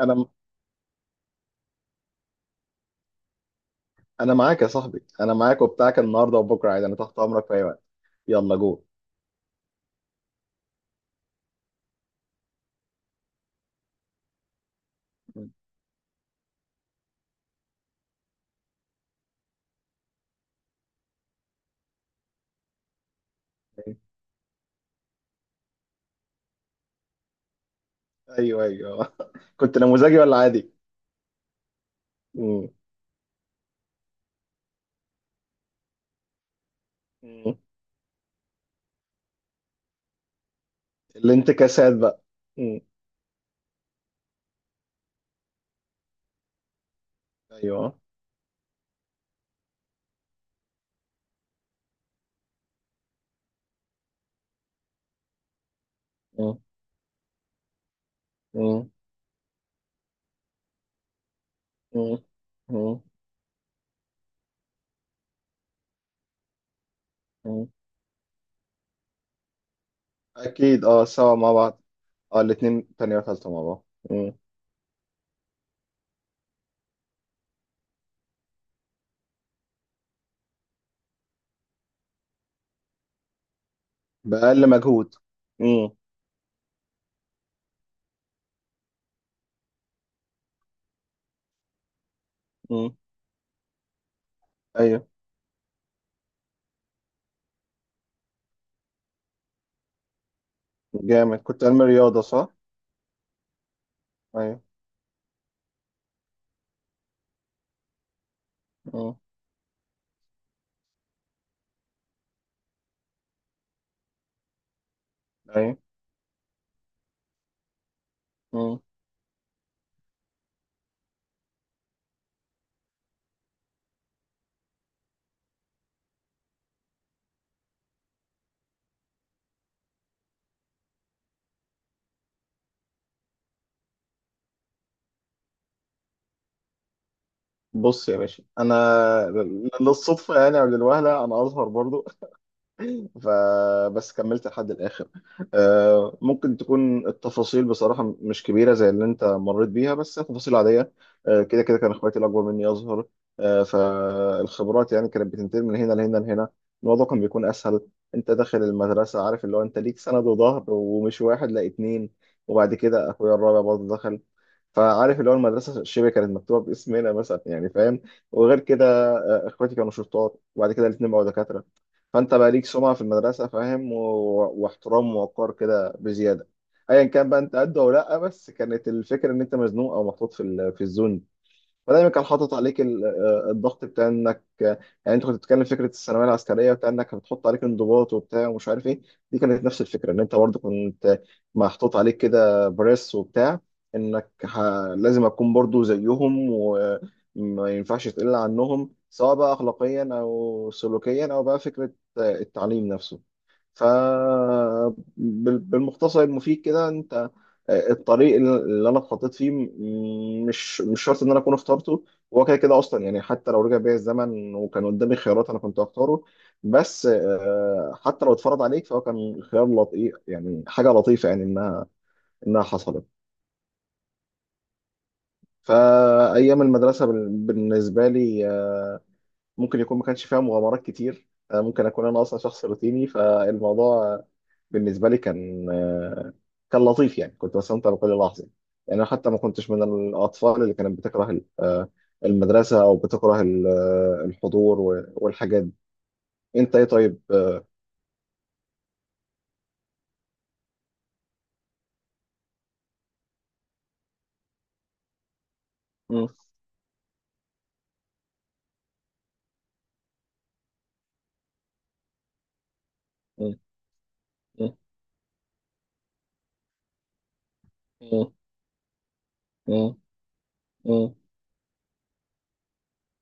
انا انا معاك يا صاحبي، انا معاك وبتاعك النهارده وبكره عادي، انا تحت امرك في اي وقت. يلا جو. ايوه، ايوه، كنت نموذجي ولا عادي؟ مم. مم. الانتكاسات بقى. مم. ايوه. مم. مم. مم. مم. مم. اكيد، اه، سوا مع بعض. اه، الاتنين تانية وتالتة مع بعض. مم. بأقل مجهود. مم. مم. ايوه. جامد، كنت علمي رياضة صح؟ ايوه. مم. ايوه. مم. بص يا باشا، انا للصدفه يعني او للوهله انا ازهر برضو. فبس كملت لحد الاخر. ممكن تكون التفاصيل بصراحه مش كبيره زي اللي انت مريت بيها، بس تفاصيل عاديه. كده كده كان اخواتي الاكبر مني ازهر. فالخبرات يعني كانت بتنتقل من هنا لهنا لهنا. الموضوع كان بيكون اسهل. انت داخل المدرسه عارف اللي هو انت ليك سند وظهر، ومش واحد، لا اتنين. وبعد كده اخويا الرابع برضه دخل. فعارف اللي هو المدرسه شبه كانت مكتوبه باسمنا مثلا، يعني فاهم. وغير كده اخواتي كانوا شرطات، وبعد كده الاثنين بقوا دكاتره. فانت بقى ليك سمعه في المدرسه فاهم و... واحترام ووقار كده بزياده. ايا كان بقى انت قد او لا، بس كانت الفكره ان انت مزنوق او محطوط في الزون. فدايما كان حاطط عليك الضغط بتاع انك يعني انت كنت بتتكلم فكره الثانويه العسكريه بتاع انك بتحط عليك انضباط وبتاع ومش عارف ايه. دي كانت نفس الفكره ان انت برضه كنت محطوط عليك كده بريس وبتاع، انك ح... لازم اكون برضه زيهم وما ينفعش تقل عنهم، سواء بقى اخلاقيا او سلوكيا او بقى فكره التعليم نفسه. فبالمختصر المفيد كده، انت الطريق اللي انا اتحطيت فيه مش شرط ان انا اكون اخترته. هو كده كده اصلا، يعني حتى لو رجع بيا الزمن وكان قدامي خيارات انا كنت هختاره. بس حتى لو اتفرض عليك فهو كان خيار لطيف، يعني حاجه لطيفه يعني انها حصلت. فايام المدرسه بالنسبه لي ممكن يكون ما كانش فيها مغامرات كتير. ممكن اكون انا اصلا شخص روتيني، فالموضوع بالنسبه لي كان لطيف، يعني كنت بستمتع بكل لحظه. يعني انا حتى ما كنتش من الاطفال اللي كانت بتكره المدرسه او بتكره الحضور والحاجات دي. انت ايه طيب؟ م- م- م- م- م- م-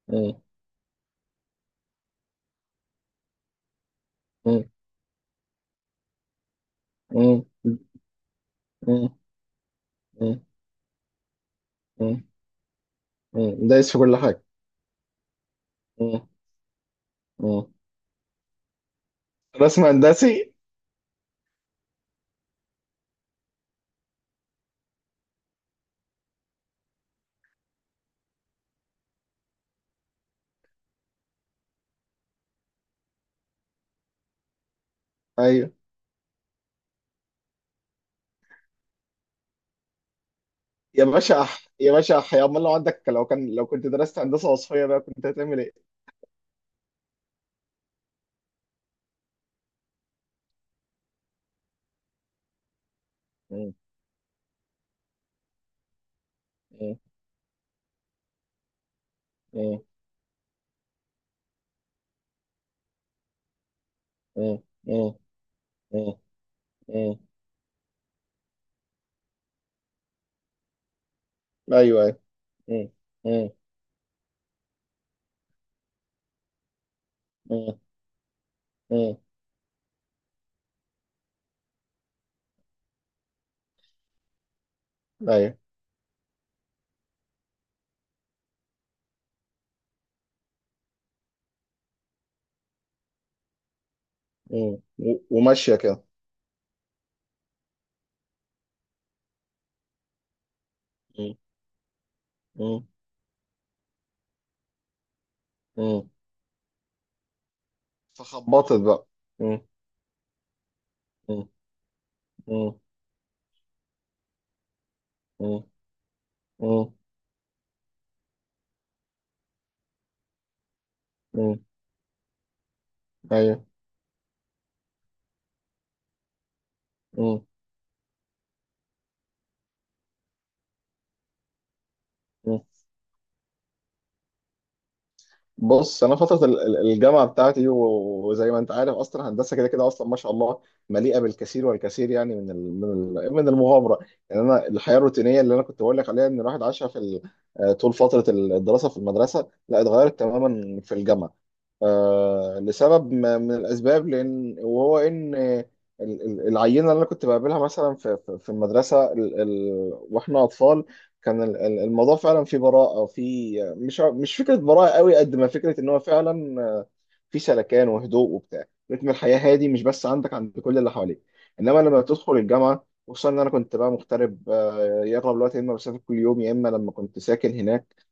م- م- م- م- م- م- دايس في كل حاجه. م- م. رسم هندسي. ايوه يا باشا، يا باشا حيا، امال لو عندك لو كان لو كنت درست هندسه وصفيه بقى كنت هتعمل ايه؟ مم. مم. مم. مم. مم. مم. مم. ايوه. ايوه. مم. مم. مم. مم. ايوه. مم. وماشيه كده. مم. مم. مم. فخبطت بقى. مم. مم. مم. مم. مم. مم. ايوه. مم. بص، انا فتره الجامعه بتاعتي، وزي ما انت عارف اصلا هندسه كده كده اصلا ما شاء الله، مليئه بالكثير والكثير يعني من المغامره. يعني انا الحياه الروتينيه اللي انا كنت بقول لك عليها ان الواحد عاشها في ال- آه، طول فتره الدراسه في المدرسه، لا اتغيرت تماما في الجامعه. لسبب من الأسباب، لأن وهو إن ال- العينة اللي أنا كنت بقابلها مثلا في المدرسة، ال ال وإحنا أطفال، كان الموضوع فعلا فيه براءة، مش مش فكرة براءة قوي، قد ما فكرة إن هو فعلا في سلكان وهدوء وبتاع. رتم الحياة هادي مش بس عندك، عند كل اللي حواليك. إنما لما تدخل الجامعة، خصوصا إن أنا كنت بقى مغترب، يقرب الوقت يا إما بسافر كل يوم، يا إما لما كنت ساكن هناك.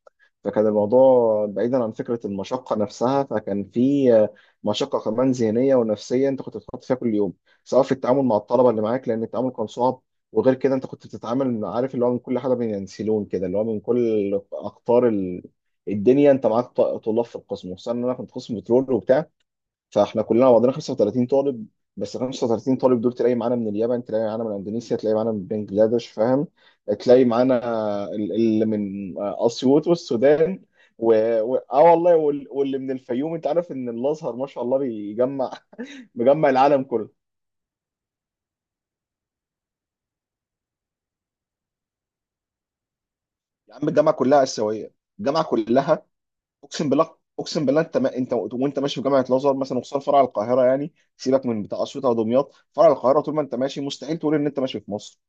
فكان الموضوع بعيدا عن فكرة المشقة نفسها، فكان في آه، مشقة كمان ذهنية ونفسية انت كنت بتتحط فيها كل يوم. سواء في التعامل مع الطلبة اللي معاك، لأن التعامل كان صعب. وغير كده انت كنت بتتعامل عارف اللي هو من كل حاجة، بينسلون كده اللي هو من كل أقطار الدنيا. انت معاك طلاب في القسم، وخصوصا ان انا كنت قسم بترول وبتاع. فاحنا كلنا بعضنا 35 طالب. بس 35 طالب دول، تلاقي معانا من اليابان، تلاقي معانا من اندونيسيا، تلاقي معانا من بنجلاديش فاهم. تلاقي معانا اللي من اسيوط والسودان و... اه والله، واللي من الفيوم، انت عارف ان الازهر ما شاء الله بيجمع مجمع العالم كله. يا عم الجامعه كلها اسيويه. الجامعه كلها، اقسم بالله، اقسم بالله، انت ما... انت وانت ماشي في جامعه الازهر مثلا، وخصوصا فرع القاهره، يعني سيبك من بتاع اسيوط او دمياط، فرع القاهره طول ما انت ماشي مستحيل تقول ان انت ماشي في مصر،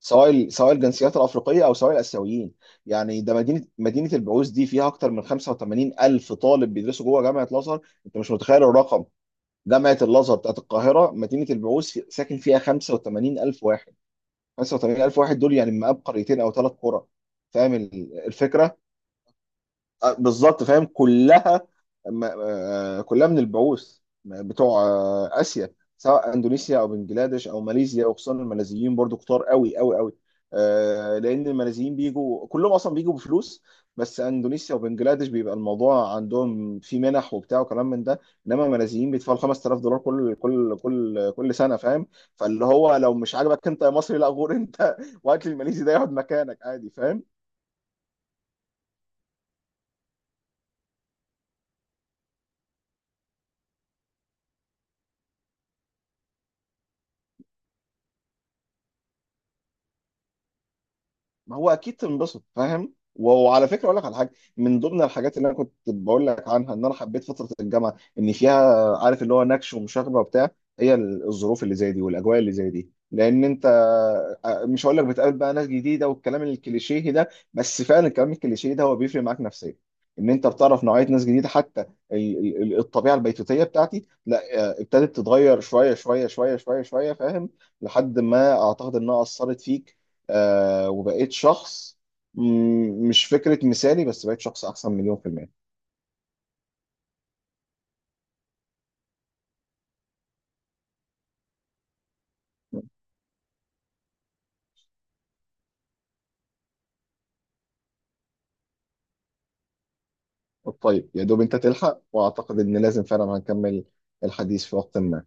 سواء سواء الجنسيات الافريقيه او سواء الاسيويين. يعني ده مدينه البعوث، دي فيها اكتر من 85 الف طالب بيدرسوا جوه جامعه الازهر، انت مش متخيل الرقم. جامعه الازهر بتاعت القاهره، مدينه البعوث ساكن فيها 85 الف واحد. 85 الف واحد دول، يعني مقاب قريتين او ثلاث قرى. فاهم الفكره؟ بالظبط، فاهم كلها كلها من البعوث، بتوع اسيا، سواء اندونيسيا او بنجلاديش او ماليزيا، وخصوصا الماليزيين برضو كتار قوي قوي قوي. لان الماليزيين بيجوا كلهم اصلا بيجوا بفلوس. بس اندونيسيا وبنجلاديش بيبقى الموضوع عندهم في منح وبتاع وكلام من ده. انما الماليزيين بيدفعوا 5000 دولار كل سنه فاهم. فاللي هو لو مش عاجبك انت يا مصري، لا غور انت وهات لي الماليزي ده يقعد مكانك عادي. ما هو اكيد تنبسط فاهم. وعلى فكره اقول لك على حاجه. من ضمن الحاجات اللي انا كنت بقول لك عنها ان انا حبيت فتره الجامعه، ان فيها عارف اللي هو نكش ومشاغبه وبتاع. هي الظروف اللي زي دي والاجواء اللي زي دي، لان انت مش هقول لك بتقابل بقى ناس جديده والكلام الكليشيه ده، بس فعلا الكلام الكليشيه ده هو بيفرق معاك نفسيا. ان انت بتعرف نوعيه ناس جديده، حتى الطبيعه البيتوتيه بتاعتي لا، ابتدت تتغير شويه شويه شويه شويه شويه فاهم، لحد ما اعتقد انها اثرت فيك. وبقيت شخص، مش فكرة مثالي، بس بقيت شخص أحسن مليون في المية. طيب، يا دوب أنت تلحق، وأعتقد إن لازم فعلا هنكمل الحديث في وقت ما.